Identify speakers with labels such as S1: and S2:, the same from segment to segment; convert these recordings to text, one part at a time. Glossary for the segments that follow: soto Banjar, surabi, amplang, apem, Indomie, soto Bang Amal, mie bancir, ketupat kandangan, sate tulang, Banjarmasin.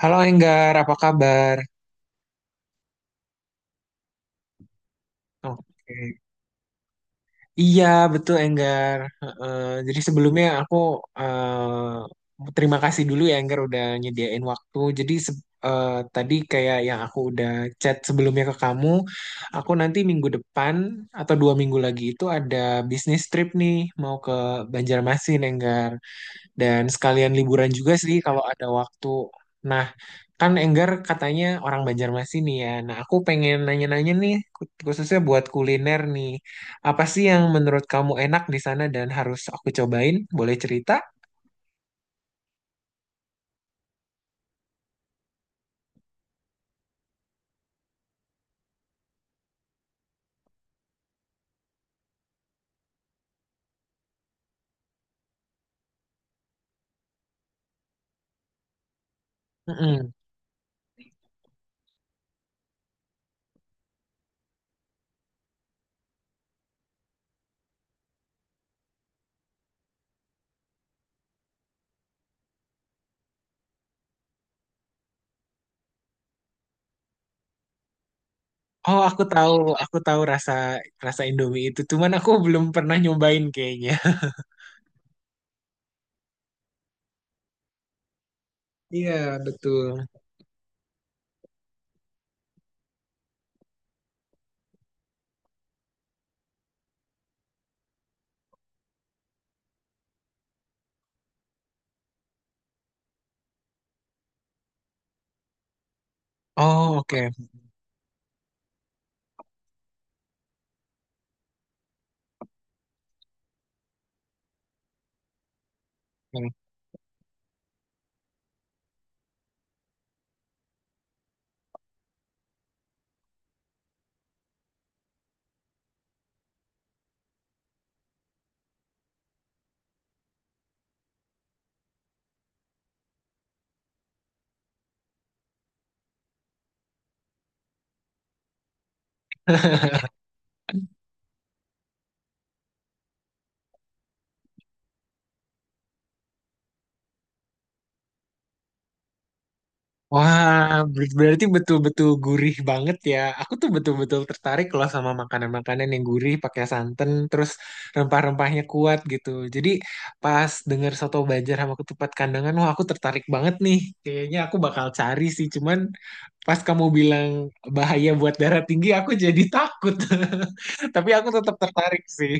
S1: Halo Enggar, apa kabar? Oke. Iya, betul Enggar. Heeh, jadi sebelumnya aku terima kasih dulu ya Enggar udah nyediain waktu. Jadi tadi kayak yang aku udah chat sebelumnya ke kamu, aku nanti minggu depan atau 2 minggu lagi itu ada bisnis trip nih mau ke Banjarmasin Enggar. Dan sekalian liburan juga sih kalau ada waktu. Nah, kan Enggar katanya orang Banjarmasin nih ya. Nah, aku pengen nanya-nanya nih, khususnya buat kuliner nih. Apa sih yang menurut kamu enak di sana dan harus aku cobain? Boleh cerita? Mm-mm. Oh, aku tahu rasa rasa Indomie itu. Cuman aku belum pernah nyobain kayaknya. Iya, betul. Oh, oke. Oke. Wah, berarti betul-betul gurih banget ya. Aku tuh betul-betul tertarik loh sama makanan-makanan yang gurih, pakai santan, terus rempah-rempahnya kuat gitu. Jadi pas denger soto Banjar sama ketupat kandangan, wah aku tertarik banget nih. Kayaknya aku bakal cari sih, cuman pas kamu bilang bahaya buat darah tinggi, aku jadi takut. Tapi aku tetap tertarik sih.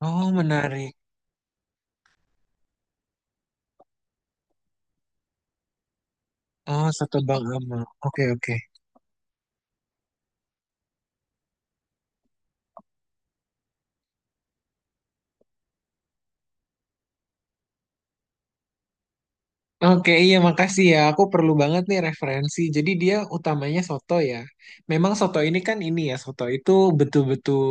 S1: Oh, menarik. Oh, soto Bang Amal. Oke, oke. Oke, iya makasih ya. Aku perlu banget nih referensi. Jadi dia utamanya soto ya. Memang soto ini kan ini ya, soto itu betul-betul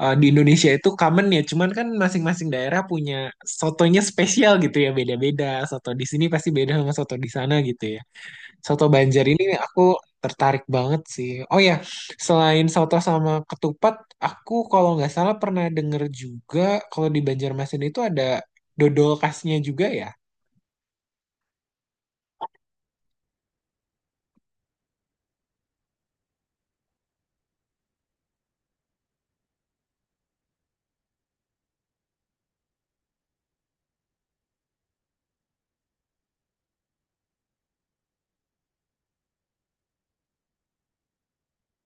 S1: di Indonesia itu common ya. Cuman kan masing-masing daerah punya sotonya spesial gitu ya, beda-beda. Soto di sini pasti beda sama soto di sana gitu ya. Soto Banjar ini aku tertarik banget sih. Oh ya, selain soto sama ketupat, aku kalau nggak salah pernah denger juga kalau di Banjarmasin itu ada dodol khasnya juga ya.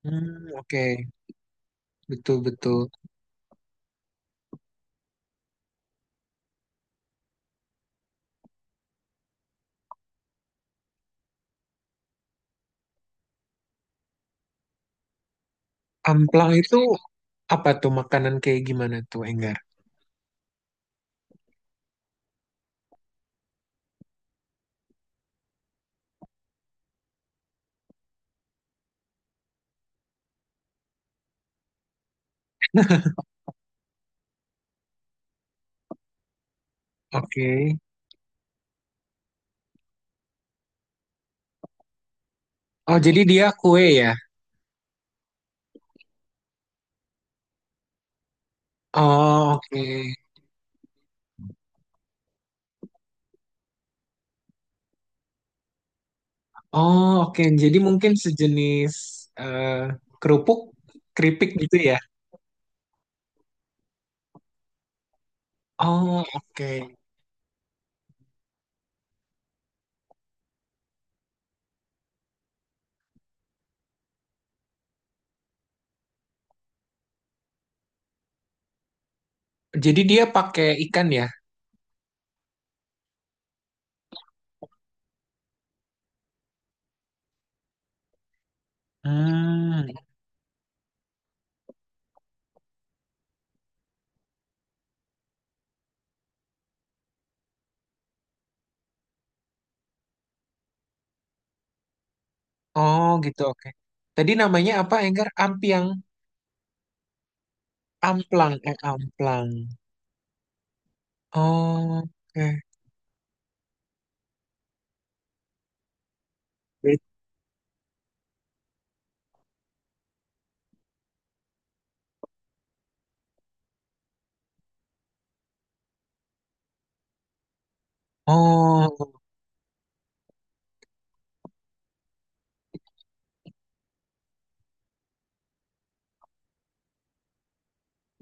S1: Hmm, oke. Betul, betul. Amplang itu apa tuh makanan kayak gimana tuh, Enggar? Oke. Oh, jadi dia kue ya? Oh, oke. Oh, oke. Jadi mungkin sejenis eh, kerupuk, keripik gitu ya? Oh, oke. Jadi dia pakai ikan ya? Hmm. Oh, gitu, oke. Tadi namanya apa, Enggar? Amplang. Oh, oke. Bet- Oh,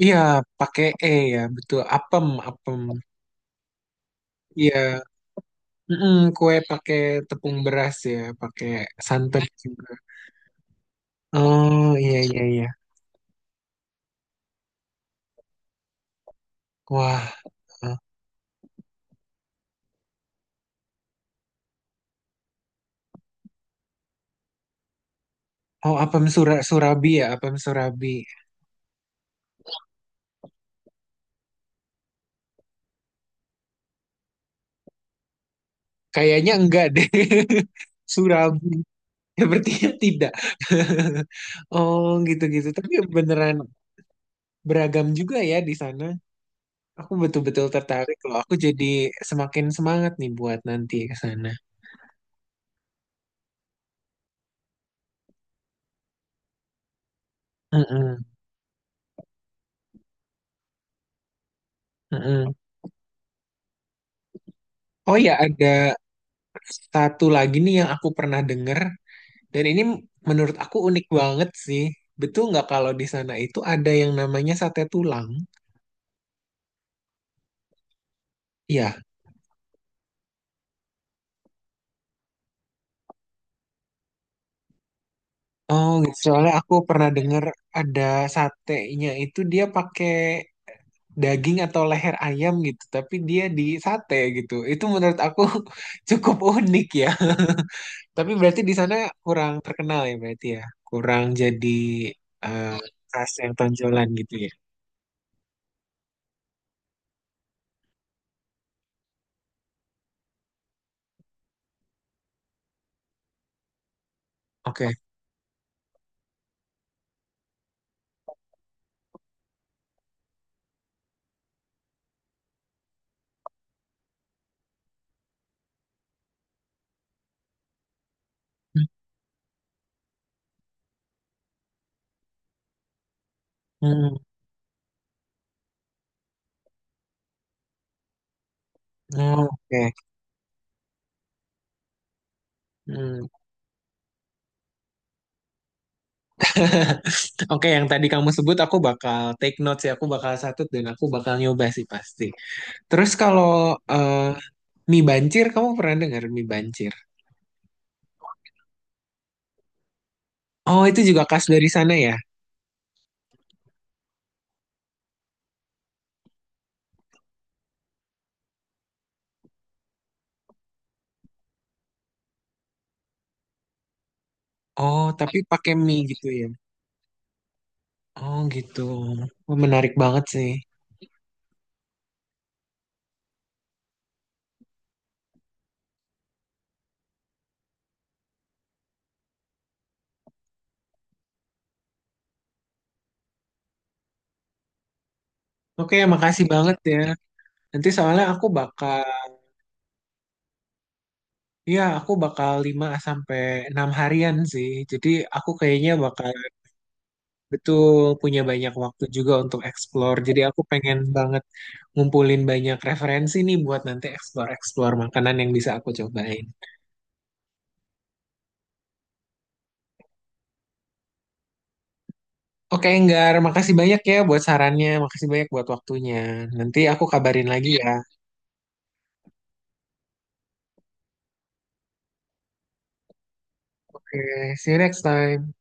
S1: iya, pakai E ya, betul. Apem, apem. Iya, mm kue pakai tepung beras ya, pakai santan juga. Oh iya iya iya. Wah, oh apem surabi ya, apem surabi. Kayaknya enggak deh. Surabi, ya berarti tidak. Oh gitu-gitu. Tapi beneran beragam juga ya di sana. Aku betul-betul tertarik loh. Aku jadi semakin semangat nih buat nanti ke sana. Mm-mm, mm-mm. Oh ya, ada satu lagi nih yang aku pernah denger. Dan ini menurut aku unik banget sih. Betul nggak kalau di sana itu ada yang namanya sate tulang? Iya. Oh, gitu. Soalnya aku pernah dengar ada satenya itu dia pakai daging atau leher ayam gitu, tapi dia di sate gitu. Itu menurut aku cukup unik ya. Tapi berarti di sana kurang terkenal ya berarti ya. Kurang jadi eh, khas yang tonjolan gitu ya. Oke. Hmm. Oh, oke. Hmm. Oke, yang tadi kamu sebut aku bakal take notes ya, aku bakal satut dan aku bakal nyoba sih pasti. Terus kalau eh, mie bancir, kamu pernah dengar mie bancir? Oh, itu juga khas dari sana ya? Oh, tapi pakai mie gitu ya? Oh, gitu. Oh, menarik banget sih. Oke, makasih banget ya. Nanti soalnya aku bakal 5 sampai 6 harian sih. Jadi aku kayaknya bakal betul punya banyak waktu juga untuk explore. Jadi aku pengen banget ngumpulin banyak referensi nih buat nanti explore-explore makanan yang bisa aku cobain. Oke, Enggar, makasih banyak ya buat sarannya, makasih banyak buat waktunya. Nanti aku kabarin lagi ya. Oke, see you next time.